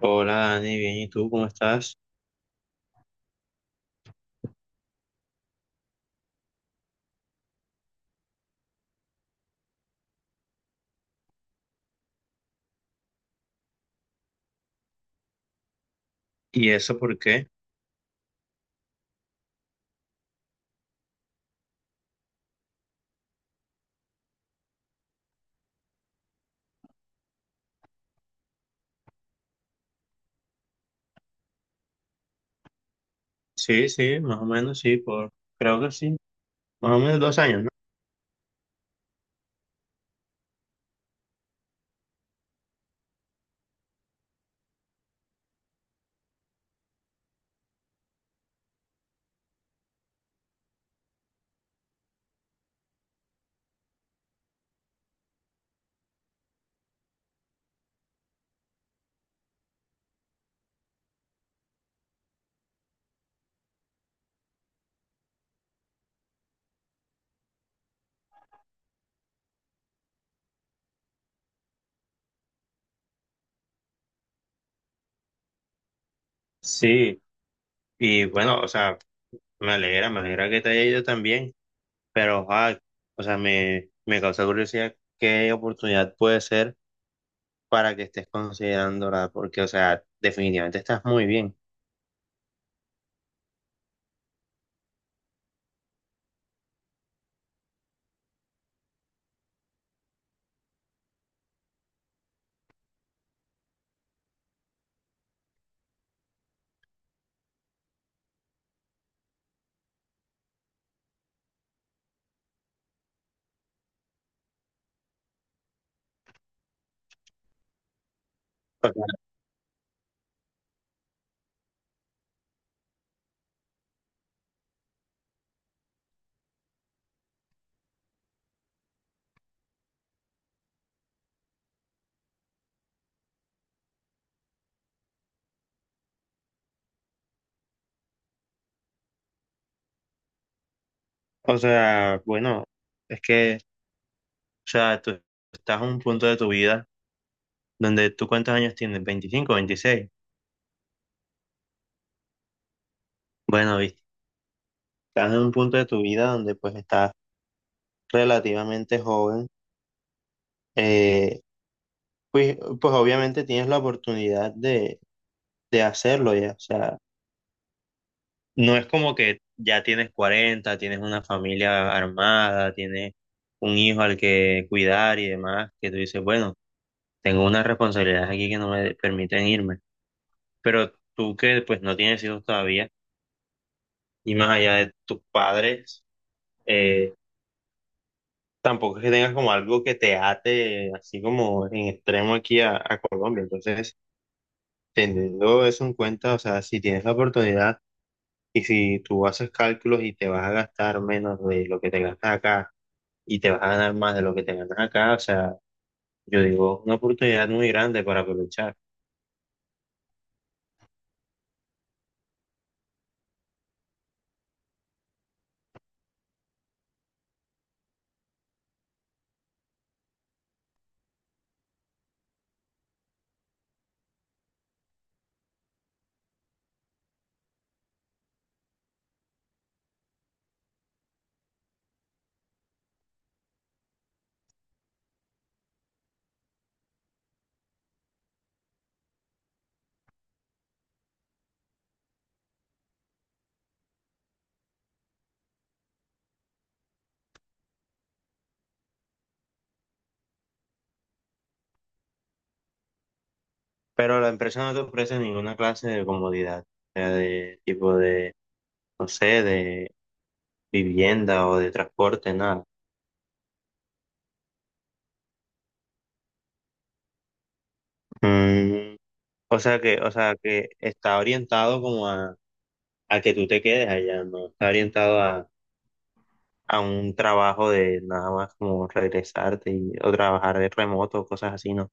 Hola Dani, bien, ¿y tú cómo estás? ¿Y eso por qué? Sí, sí, más o menos, sí, creo que sí, más o menos 2 años, ¿no? Sí, y bueno, o sea, me alegra que te haya ido también, pero, ojalá, o sea, me causa curiosidad qué oportunidad puede ser para que estés considerando, ¿verdad? Porque, o sea, definitivamente estás muy bien. O sea, o sea, bueno, es que, o sea, tú estás en un punto de tu vida donde tú cuántos años tienes, ¿25, 26? Bueno, estás en un punto de tu vida donde pues estás relativamente joven, eh, pues, obviamente tienes la oportunidad de hacerlo ya. O sea, no es como que ya tienes 40 tienes una familia armada, tienes un hijo al que cuidar y demás, que tú dices, bueno, tengo unas responsabilidades aquí que no me permiten irme. Pero tú que pues no tienes hijos todavía y más allá de tus padres, eh, tampoco es que tengas como algo que te ate así como en extremo aquí a Colombia. Entonces, teniendo eso en cuenta, o sea, si tienes la oportunidad y si tú haces cálculos y te vas a gastar menos de lo que te gastas acá y te vas a ganar más de lo que te ganas acá, o sea, yo digo, una oportunidad muy grande para aprovechar. Pero la empresa no te ofrece ninguna clase de comodidad, o sea, de tipo de, no sé, de vivienda o de transporte, nada. Mm, o sea que está orientado como a que tú te quedes allá, ¿no? Está orientado a un trabajo de nada más como regresarte y, o trabajar de remoto, cosas así, ¿no?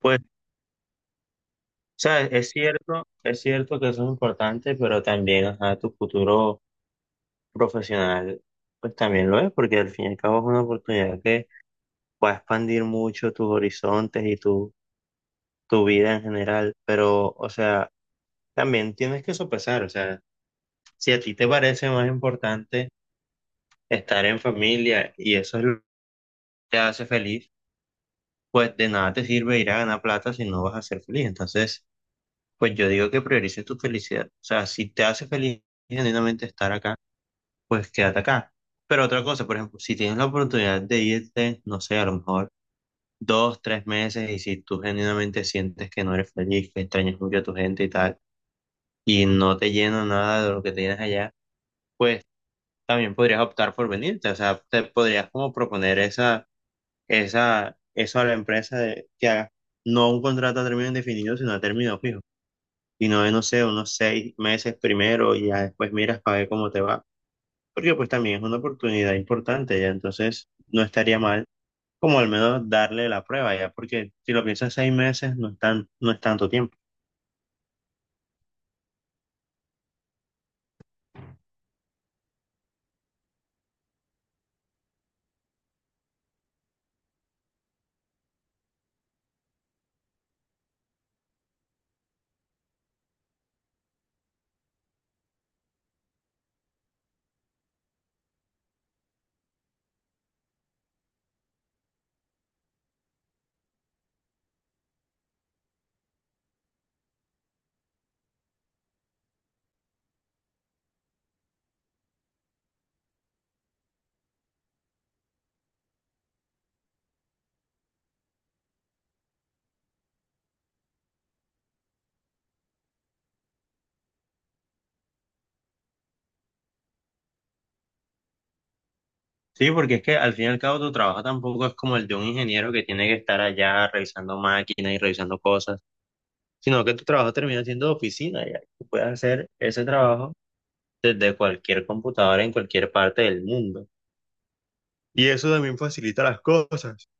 Pues, o sea, es cierto que eso es importante, pero también, o sea, tu futuro profesional, pues también lo es, porque al fin y al cabo es una oportunidad que va a expandir mucho tus horizontes y tu vida en general, pero, o sea, también tienes que sopesar, o sea, si a ti te parece más importante estar en familia y eso es lo que te hace feliz, pues de nada te sirve ir a ganar plata si no vas a ser feliz. Entonces, pues yo digo que priorices tu felicidad. O sea, si te hace feliz genuinamente estar acá, pues quédate acá. Pero otra cosa, por ejemplo, si tienes la oportunidad de irte, no sé, a lo mejor 2, 3 meses y si tú genuinamente sientes que no eres feliz, que extrañas mucho a tu gente y tal, y no te llena nada de lo que tienes allá, pues también podrías optar por venirte. O sea, te podrías como proponer eso a la empresa que haga no un contrato a término indefinido, sino a término fijo. Y no de, no sé, unos 6 meses primero y ya después miras para ver cómo te va. Porque pues también es una oportunidad importante, ya entonces no estaría mal como al menos darle la prueba, ya porque si lo piensas 6 meses no es tanto tiempo. Sí, porque es que al fin y al cabo tu trabajo tampoco es como el de un ingeniero que tiene que estar allá revisando máquinas y revisando cosas, sino que tu trabajo termina siendo de oficina, ya. Tú puedes hacer ese trabajo desde cualquier computadora en cualquier parte del mundo. Y eso también facilita las cosas.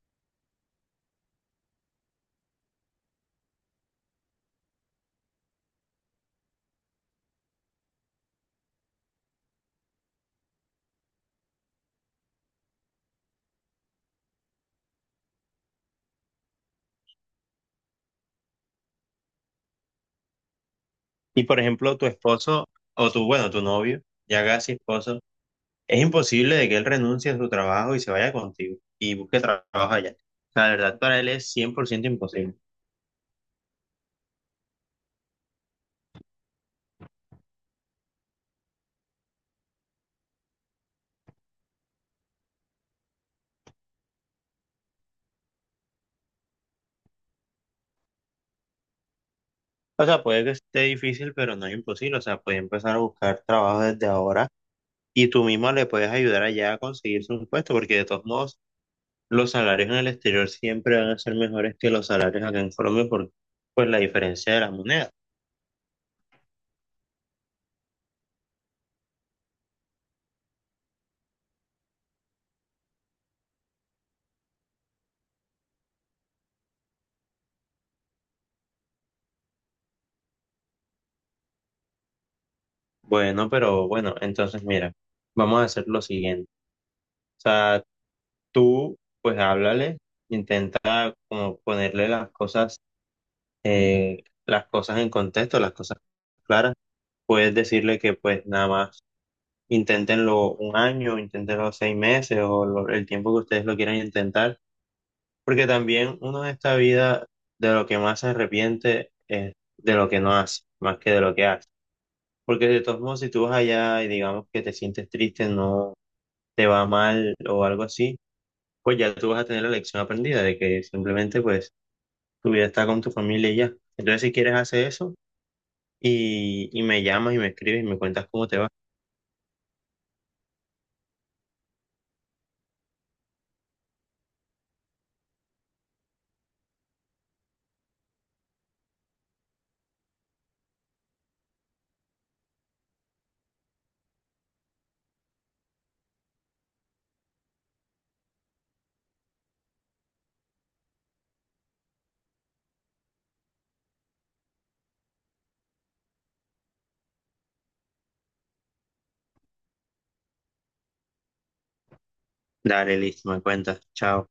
Y por ejemplo, tu esposo o tu, bueno, tu novio, ya casi esposo, es imposible de que él renuncie a su trabajo y se vaya contigo y busque trabajo allá. O sea, la verdad para él es 100% imposible. O sea, puede que esté difícil, pero no es imposible. O sea, puede empezar a buscar trabajo desde ahora y tú mismo le puedes ayudar allá a conseguirse un puesto, porque de todos modos los salarios en el exterior siempre van a ser mejores que los salarios acá en Colombia por pues, la diferencia de la moneda. Bueno, pero bueno, entonces mira, vamos a hacer lo siguiente. O sea, tú pues háblale, intenta como ponerle las cosas en contexto, las cosas claras. Puedes decirle que pues nada más inténtenlo un año, inténtenlo 6 meses o el tiempo que ustedes lo quieran intentar. Porque también uno en esta vida de lo que más se arrepiente es de lo que no hace, más que de lo que hace. Porque de todos modos, si tú vas allá y digamos que te sientes triste, no te va mal o algo así, pues ya tú vas a tener la lección aprendida de que simplemente pues tu vida está con tu familia y ya. Entonces si quieres hacer eso y me llamas y me escribes y me cuentas cómo te va. Dale, listo, me cuentas. Chao.